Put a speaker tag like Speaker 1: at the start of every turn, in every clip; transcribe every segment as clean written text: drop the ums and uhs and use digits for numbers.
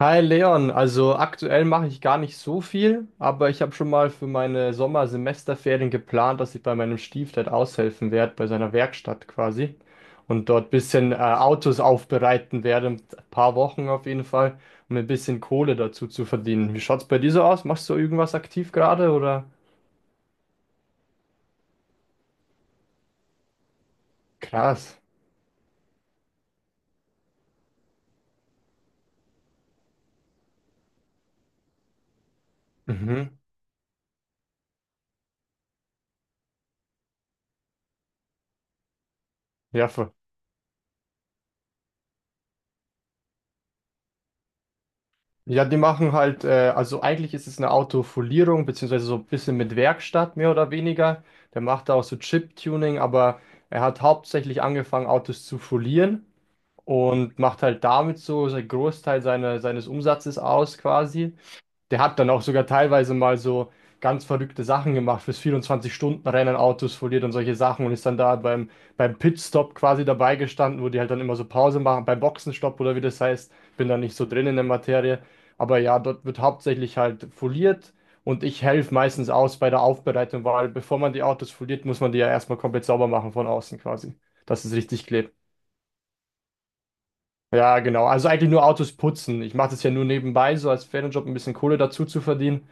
Speaker 1: Hi Leon, also aktuell mache ich gar nicht so viel, aber ich habe schon mal für meine Sommersemesterferien geplant, dass ich bei meinem Stiefdad aushelfen werde, bei seiner Werkstatt quasi und dort ein bisschen Autos aufbereiten werde, ein paar Wochen auf jeden Fall, um ein bisschen Kohle dazu zu verdienen. Wie schaut's bei dir so aus? Machst du irgendwas aktiv gerade oder? Krass. Mhm. Ja, voll. Ja, die machen halt, also eigentlich ist es eine Autofolierung, beziehungsweise so ein bisschen mit Werkstatt mehr oder weniger. Der macht da auch so Chip-Tuning, aber er hat hauptsächlich angefangen, Autos zu folieren und macht halt damit so seinen Großteil seiner, seines Umsatzes aus quasi. Der hat dann auch sogar teilweise mal so ganz verrückte Sachen gemacht, fürs 24-Stunden-Rennen Autos foliert und solche Sachen und ist dann da beim Pitstop quasi dabei gestanden, wo die halt dann immer so Pause machen, beim Boxenstopp oder wie das heißt. Bin da nicht so drin in der Materie. Aber ja, dort wird hauptsächlich halt foliert und ich helfe meistens aus bei der Aufbereitung, weil bevor man die Autos foliert, muss man die ja erstmal komplett sauber machen von außen quasi, dass es richtig klebt. Ja, genau. Also eigentlich nur Autos putzen. Ich mache das ja nur nebenbei, so als Ferienjob ein bisschen Kohle dazu zu verdienen.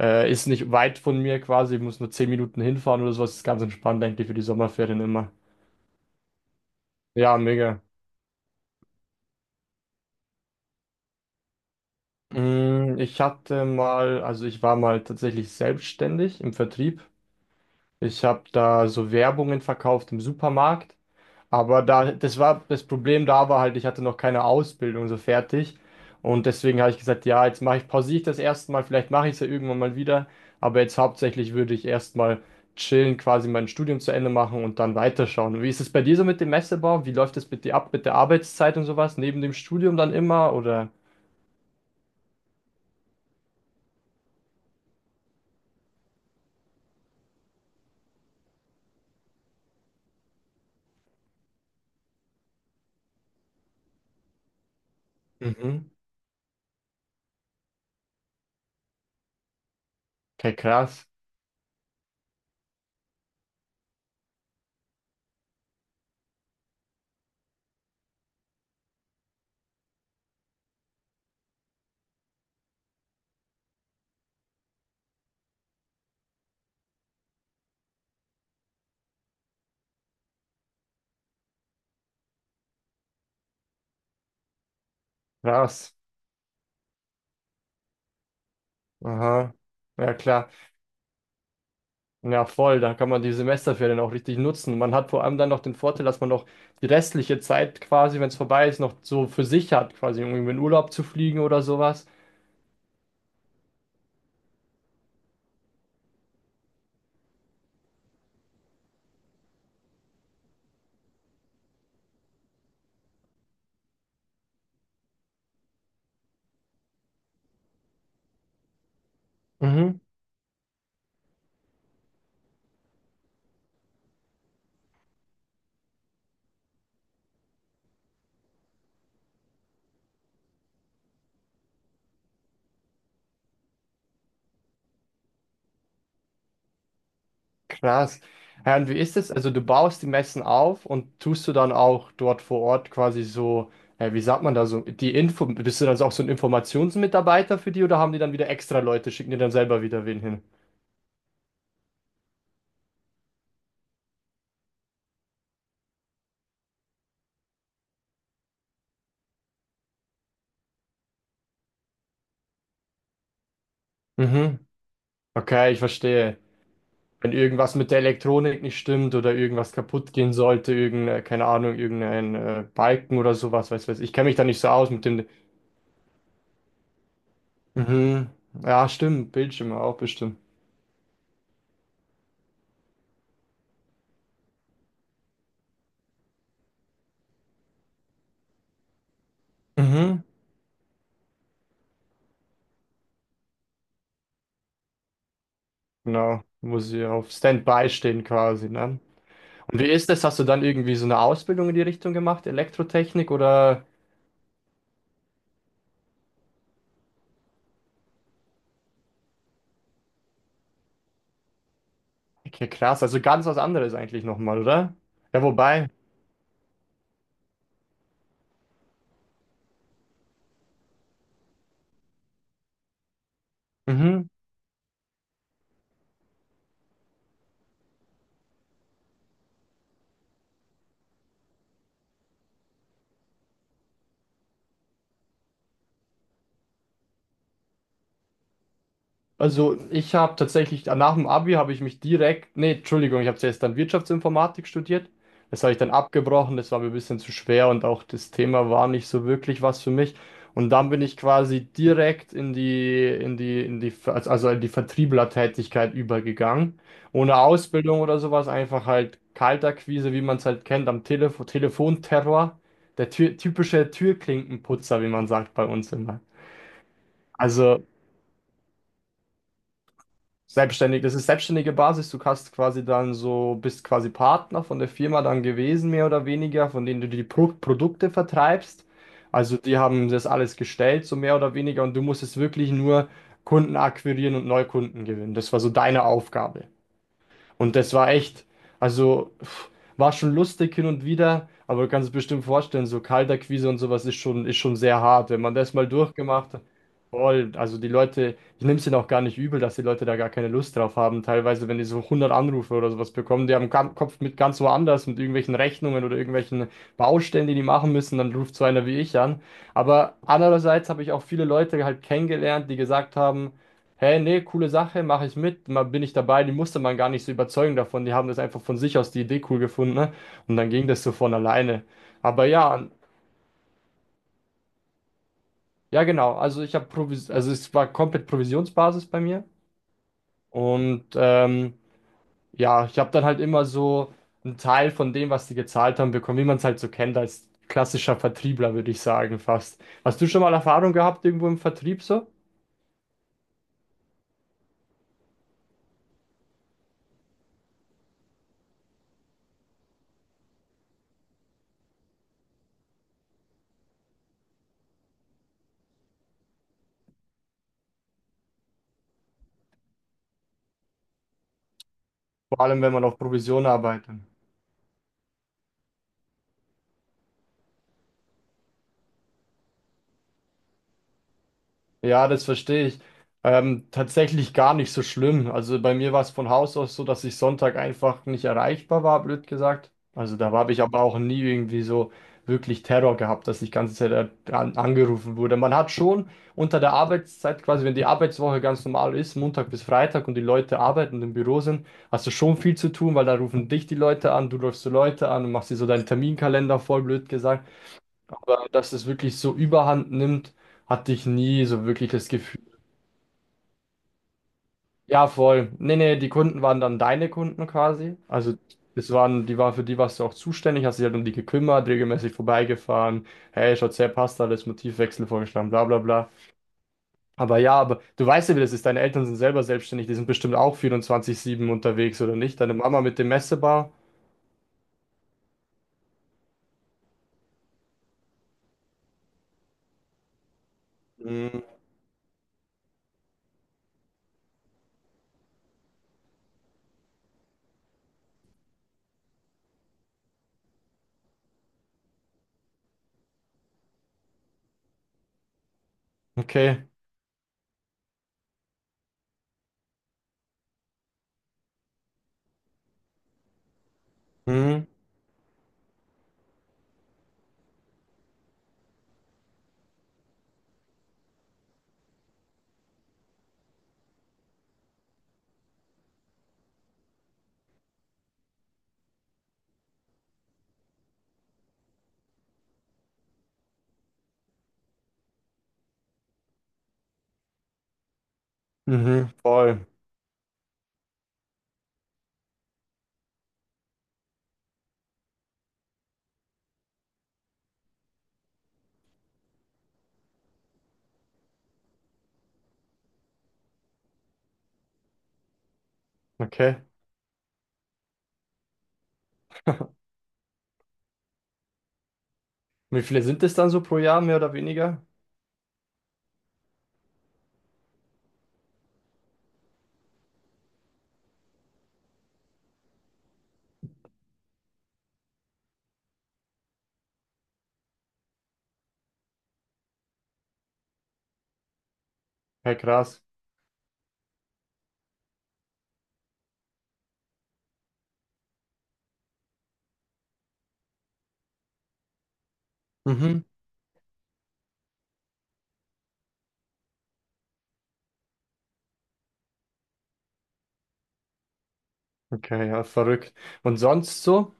Speaker 1: Ist nicht weit von mir quasi, ich muss nur 10 Minuten hinfahren oder sowas. Ist ganz entspannt, denke ich, für die Sommerferien immer. Ja, mega. Ich hatte mal, also ich war mal tatsächlich selbstständig im Vertrieb. Ich habe da so Werbungen verkauft im Supermarkt. Aber da, das Problem da war halt, ich hatte noch keine Ausbildung so fertig. Und deswegen habe ich gesagt, ja, jetzt pausiere ich das erste Mal, vielleicht mache ich es ja irgendwann mal wieder. Aber jetzt hauptsächlich würde ich erstmal chillen, quasi mein Studium zu Ende machen und dann weiterschauen. Wie ist es bei dir so mit dem Messebau? Wie läuft das mit dir ab, mit der Arbeitszeit und sowas? Neben dem Studium dann immer oder? Mhm. Okay, krass, krass. Aha. Ja, klar. Ja, voll, da kann man die Semesterferien auch richtig nutzen. Man hat vor allem dann noch den Vorteil, dass man noch die restliche Zeit quasi, wenn es vorbei ist, noch so für sich hat, quasi um irgendwie in Urlaub zu fliegen oder sowas. Mhm, krass. Ja, und wie ist es? Also du baust die Messen auf und tust du dann auch dort vor Ort quasi so, wie sagt man da so, die Info, bist du dann so auch so ein Informationsmitarbeiter für die oder haben die dann wieder extra Leute, schicken dir dann selber wieder wen hin? Mhm, okay, ich verstehe. Wenn irgendwas mit der Elektronik nicht stimmt oder irgendwas kaputt gehen sollte, irgendeine, keine Ahnung, irgendein Balken oder sowas, weiß ich. Ich kenne mich da nicht so aus mit dem. Mhm. Ja, stimmt, Bildschirme auch bestimmt. Mhm. Genau, muss ich auf Standby stehen quasi, ne? Und wie ist das? Hast du dann irgendwie so eine Ausbildung in die Richtung gemacht, Elektrotechnik oder? Okay, krass, also ganz was anderes eigentlich nochmal, oder? Ja, wobei. Mhm. Also ich habe tatsächlich, nach dem Abi habe ich mich direkt, nee, Entschuldigung, ich habe zuerst dann Wirtschaftsinformatik studiert. Das habe ich dann abgebrochen, das war mir ein bisschen zu schwer und auch das Thema war nicht so wirklich was für mich. Und dann bin ich quasi direkt in die, in die, in die, also in die Vertrieblertätigkeit übergegangen. Ohne Ausbildung oder sowas, einfach halt Kaltakquise, wie man es halt kennt, am Telefonterror. Der Tür, typische Türklinkenputzer, wie man sagt bei uns immer. Also selbstständig, das ist selbstständige Basis. Du hast quasi dann so, bist quasi Partner von der Firma dann gewesen, mehr oder weniger, von denen du die Produkte vertreibst. Also die haben das alles gestellt, so mehr oder weniger, und du musstest wirklich nur Kunden akquirieren und Neukunden gewinnen. Das war so deine Aufgabe. Und das war echt, also pff, war schon lustig hin und wieder, aber du kannst es bestimmt vorstellen, so Kaltakquise und sowas ist schon sehr hart. Wenn man das mal durchgemacht hat, voll, also die Leute, ich nehme es ihnen auch gar nicht übel, dass die Leute da gar keine Lust drauf haben. Teilweise, wenn die so 100 Anrufe oder sowas bekommen, die haben den Kopf mit ganz woanders, mit irgendwelchen Rechnungen oder irgendwelchen Baustellen, die die machen müssen, dann ruft so einer wie ich an. Aber andererseits habe ich auch viele Leute halt kennengelernt, die gesagt haben: Hey, nee, coole Sache, mache ich mit, mal bin ich dabei. Die musste man gar nicht so überzeugen davon, die haben das einfach von sich aus die Idee cool gefunden, ne? Und dann ging das so von alleine. Aber ja, ja genau, also ich habe Provis also es war komplett Provisionsbasis bei mir und ja, ich habe dann halt immer so einen Teil von dem, was die gezahlt haben, bekommen, wie man es halt so kennt als klassischer Vertriebler, würde ich sagen, fast. Hast du schon mal Erfahrung gehabt irgendwo im Vertrieb so? Vor allem, wenn man auf Provision arbeitet. Ja, das verstehe ich. Tatsächlich gar nicht so schlimm. Also bei mir war es von Haus aus so, dass ich Sonntag einfach nicht erreichbar war, blöd gesagt. Also da habe ich aber auch nie irgendwie so wirklich Terror gehabt, dass ich die ganze Zeit angerufen wurde. Man hat schon unter der Arbeitszeit, quasi wenn die Arbeitswoche ganz normal ist, Montag bis Freitag und die Leute arbeiten und im Büro sind, hast du schon viel zu tun, weil da rufen dich die Leute an, du rufst die Leute an und machst dir so deinen Terminkalender voll, blöd gesagt. Aber dass es wirklich so überhand nimmt, hatte ich nie so wirklich das Gefühl. Ja, voll. Nee, nee, die Kunden waren dann deine Kunden quasi. Also es waren, die waren, für die warst du auch zuständig, hast dich halt um die gekümmert, regelmäßig vorbeigefahren. Hey, schaut's her, passt alles, Motivwechsel vorgeschlagen, bla bla bla. Aber ja, aber du weißt ja, wie das ist. Deine Eltern sind selber selbstständig, die sind bestimmt auch 24/7 unterwegs, oder nicht? Deine Mama mit dem Messebar? Mhm. Okay. Mhm. Mhm. Voll. Okay. Und wie viele sind es dann so pro Jahr, mehr oder weniger? Ja, krass. Mhm. Okay, ja, verrückt. Und sonst so?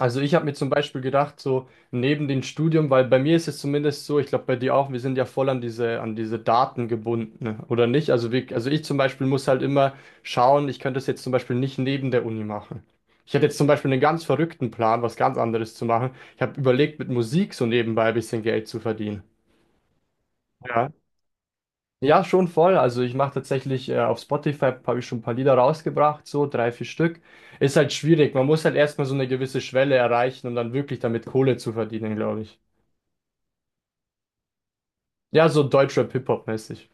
Speaker 1: Also ich habe mir zum Beispiel gedacht, so neben dem Studium, weil bei mir ist es zumindest so, ich glaube bei dir auch, wir sind ja voll an diese Daten gebunden, ne? Oder nicht? Also, wir, also ich zum Beispiel muss halt immer schauen, ich könnte es jetzt zum Beispiel nicht neben der Uni machen. Ich hatte jetzt zum Beispiel einen ganz verrückten Plan, was ganz anderes zu machen. Ich habe überlegt, mit Musik so nebenbei ein bisschen Geld zu verdienen. Ja, schon voll. Also ich mache tatsächlich auf Spotify habe ich schon ein paar Lieder rausgebracht, so drei, vier Stück. Ist halt schwierig. Man muss halt erstmal so eine gewisse Schwelle erreichen, um dann wirklich damit Kohle zu verdienen, glaube ich. Ja, so Deutschrap-Hip-Hop-mäßig.